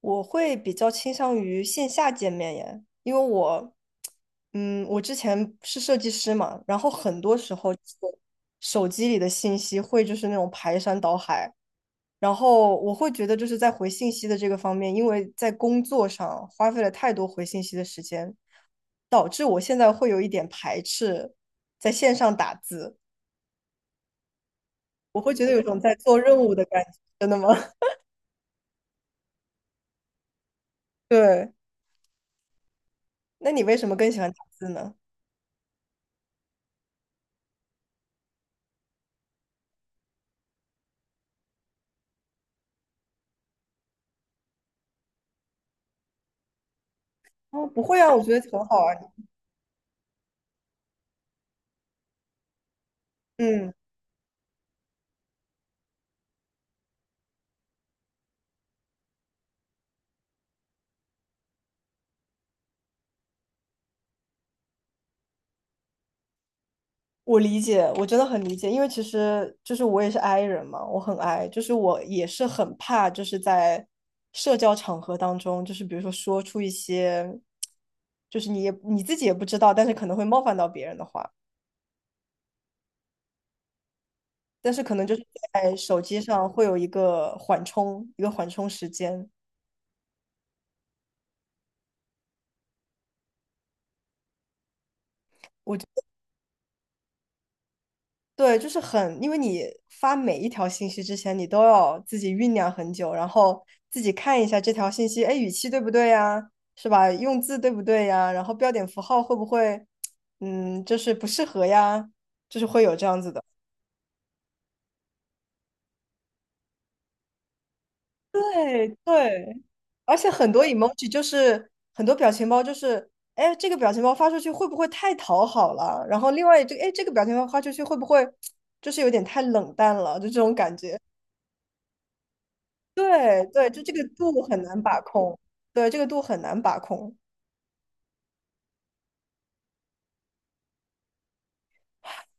我会比较倾向于线下见面耶，因为我之前是设计师嘛，然后很多时候手机里的信息会就是那种排山倒海，然后我会觉得就是在回信息的这个方面，因为在工作上花费了太多回信息的时间，导致我现在会有一点排斥在线上打字，我会觉得有一种在做任务的感觉。真的吗？对，那你为什么更喜欢打字呢？哦，不会啊，我觉得很好啊。嗯，我理解，我真的很理解，因为其实就是我也是 I 人嘛，我很 I，就是我也是很怕，就是在社交场合当中，就是比如说说出一些，就是你自己也不知道，但是可能会冒犯到别人的话，但是可能就是在手机上会有一个缓冲，一个缓冲时间。我。对，就是很，因为你发每一条信息之前，你都要自己酝酿很久，然后自己看一下这条信息。哎，语气对不对呀？是吧？用字对不对呀？然后标点符号会不会，就是不适合呀？就是会有这样子的。对对，而且很多 emoji 就是很多表情包就是，哎，这个表情包发出去会不会太讨好了？然后另外这个，哎，这个表情包发出去会不会 就是有点太冷淡了？就这种感觉。对对，就这个度很难把控，对，这个度很难把控，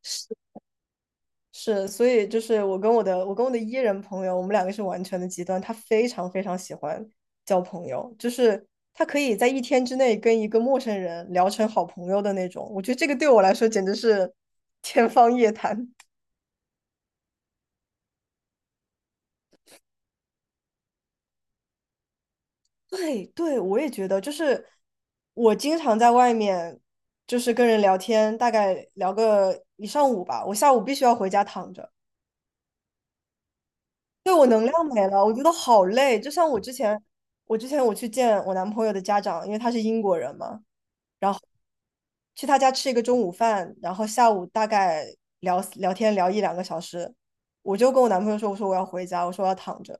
是是，所以就是我跟我的 E 人朋友，我们两个是完全的极端，他非常非常喜欢交朋友，就是他可以在一天之内跟一个陌生人聊成好朋友的那种，我觉得这个对我来说简直是天方夜谭。对对，我也觉得，就是我经常在外面，就是跟人聊天，大概聊个一上午吧，我下午必须要回家躺着。对，我能量没了，我觉得好累。就像我之前我去见我男朋友的家长，因为他是英国人嘛，然后去他家吃一个中午饭，然后下午大概聊聊天聊一两个小时，我就跟我男朋友说，我说我要回家，我说我要躺着。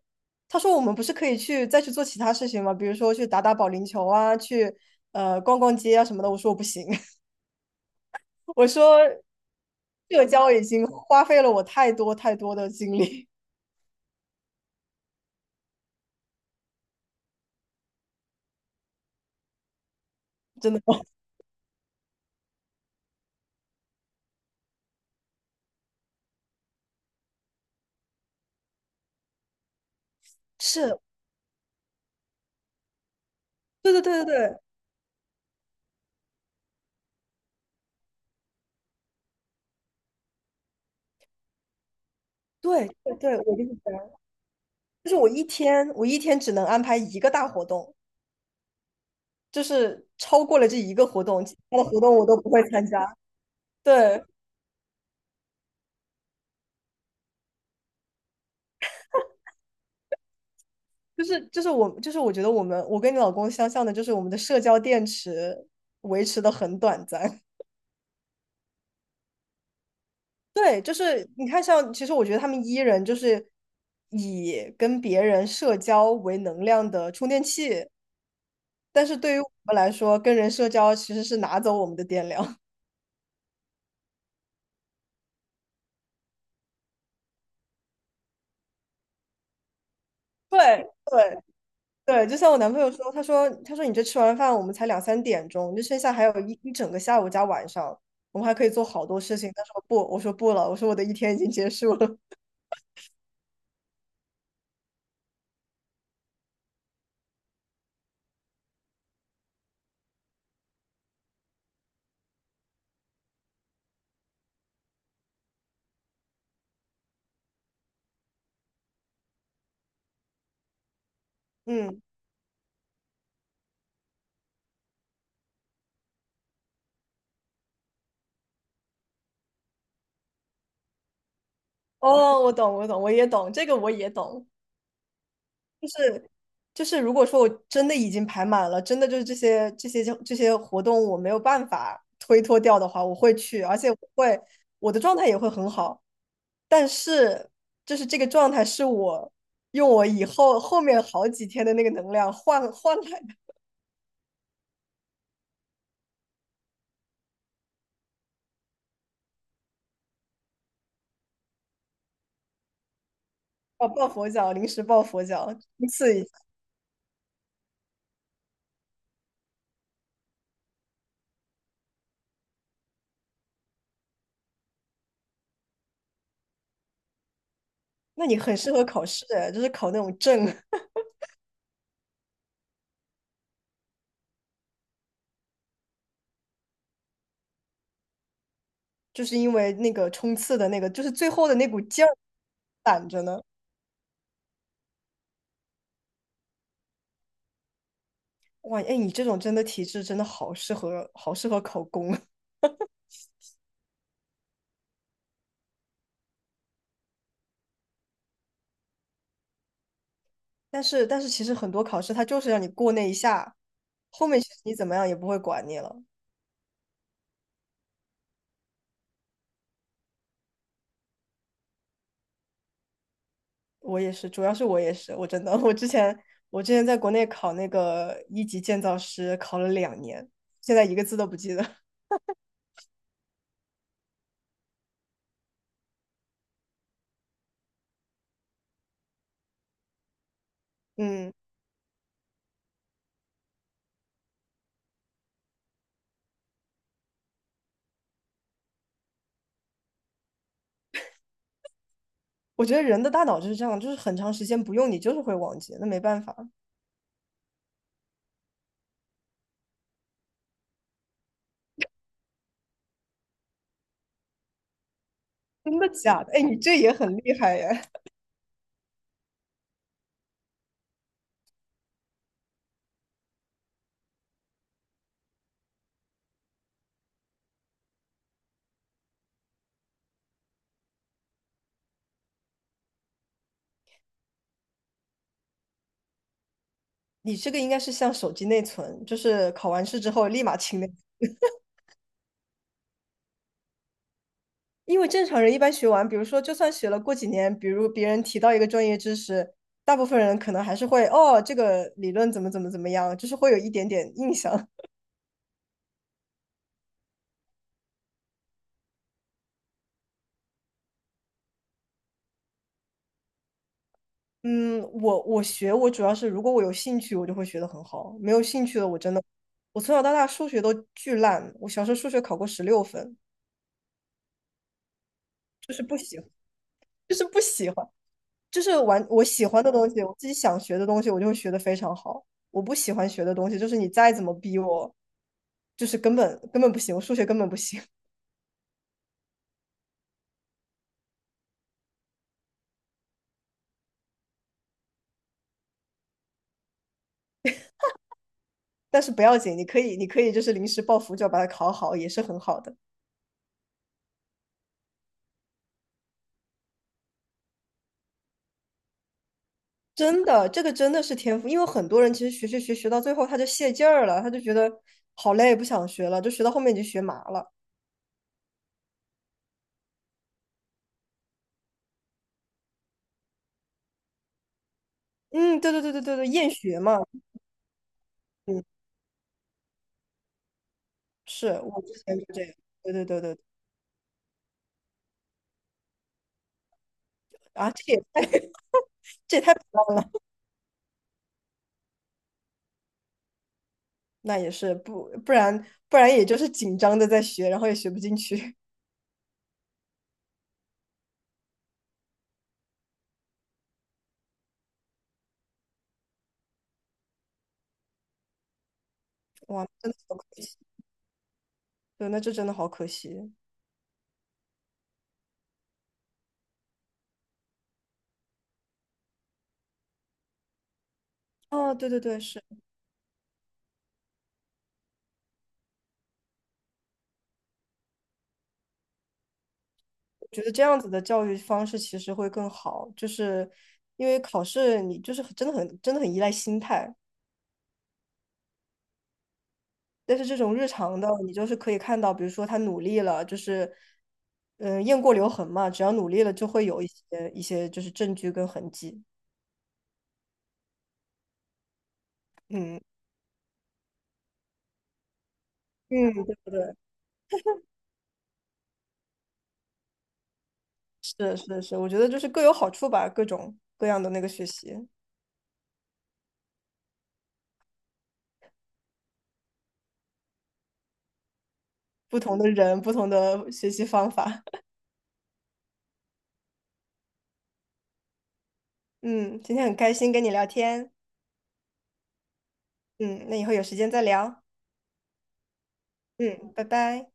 他说我们不是可以再去做其他事情吗？比如说去打打保龄球啊，去逛逛街啊什么的。我说我不行。我说社交已经花费了我太多太多的精力。真的。 是，对对对对对。对对对，我跟你讲，就是我一天只能安排一个大活动，就是超过了这一个活动，其他的活动我都不会参加。对，就是我就是我觉得我跟你老公相像的，就是我们的社交电池维持的很短暂。对，就是你看像，其实我觉得他们 E 人就是以跟别人社交为能量的充电器，但是对于我们来说，跟人社交其实是拿走我们的电量。对对。对，就像我男朋友说，他说你这吃完饭我们才两三点钟，就剩下还有一整个下午加晚上，我们还可以做好多事情。他说不，我说不了，我说我的一天已经结束了。嗯。哦，我懂，我懂，我也懂，这个我也懂，就是就是，如果说我真的已经排满了，真的就是这些活动我没有办法推脱掉的话，我会去，而且我的状态也会很好。但是就是这个状态是我用我以后后面好几天的那个能量换来的，哦，抱佛脚，临时抱佛脚，冲刺一下。那你很适合考试，就是考那种证，就是因为那个冲刺的那个，就是最后的那股劲儿攒着呢。哇，哎，你这种真的体质真的好适合，好适合考公。但是其实很多考试它就是让你过那一下，后面其实你怎么样也不会管你了。我也是，主要是我也是，我真的，我之前在国内考那个一级建造师，考了2年，现在一个字都不记得。嗯，我觉得人的大脑就是这样，就是很长时间不用，你就是会忘记，那没办法。真的假的？哎，你这也很厉害耶！你这个应该是像手机内存，就是考完试之后立马清内。因为正常人一般学完，比如说就算学了过几年，比如别人提到一个专业知识，大部分人可能还是会哦，这个理论怎么怎么怎么样，就是会有一点点印象。嗯，我主要是如果我有兴趣，我就会学得很好；没有兴趣的我真的，我从小到大数学都巨烂，我小时候数学考过16分，就是不喜欢就是不喜欢，就是玩我喜欢的东西，我自己想学的东西，我就会学的非常好。我不喜欢学的东西，就是你再怎么逼我，就是根本根本不行，我数学根本不行。但是不要紧，你可以就是临时抱佛脚把它考好，也是很好的。真的，这个真的是天赋，因为很多人其实学到最后他就泄劲儿了，他就觉得好累，不想学了，就学到后面已经学麻了。嗯，对对对对对对，厌学嘛。嗯，是我之前就这样。对对对对对啊，这也太 这也太不浪了。那也是不然也就是紧张的在学，然后也学不进去。哇，真的好可惜。对，那这真的好可惜。哦，对对对，是。觉得这样子的教育方式其实会更好，就是因为考试你就是真的很真的很依赖心态，但是这种日常的你就是可以看到，比如说他努力了，就是雁过留痕嘛，只要努力了就会有一些就是证据跟痕迹，嗯嗯，对对对，是是是，我觉得就是各有好处吧，各种各样的那个学习，不同的人，不同的学习方法。嗯，今天很开心跟你聊天，嗯，那以后有时间再聊，嗯，拜拜。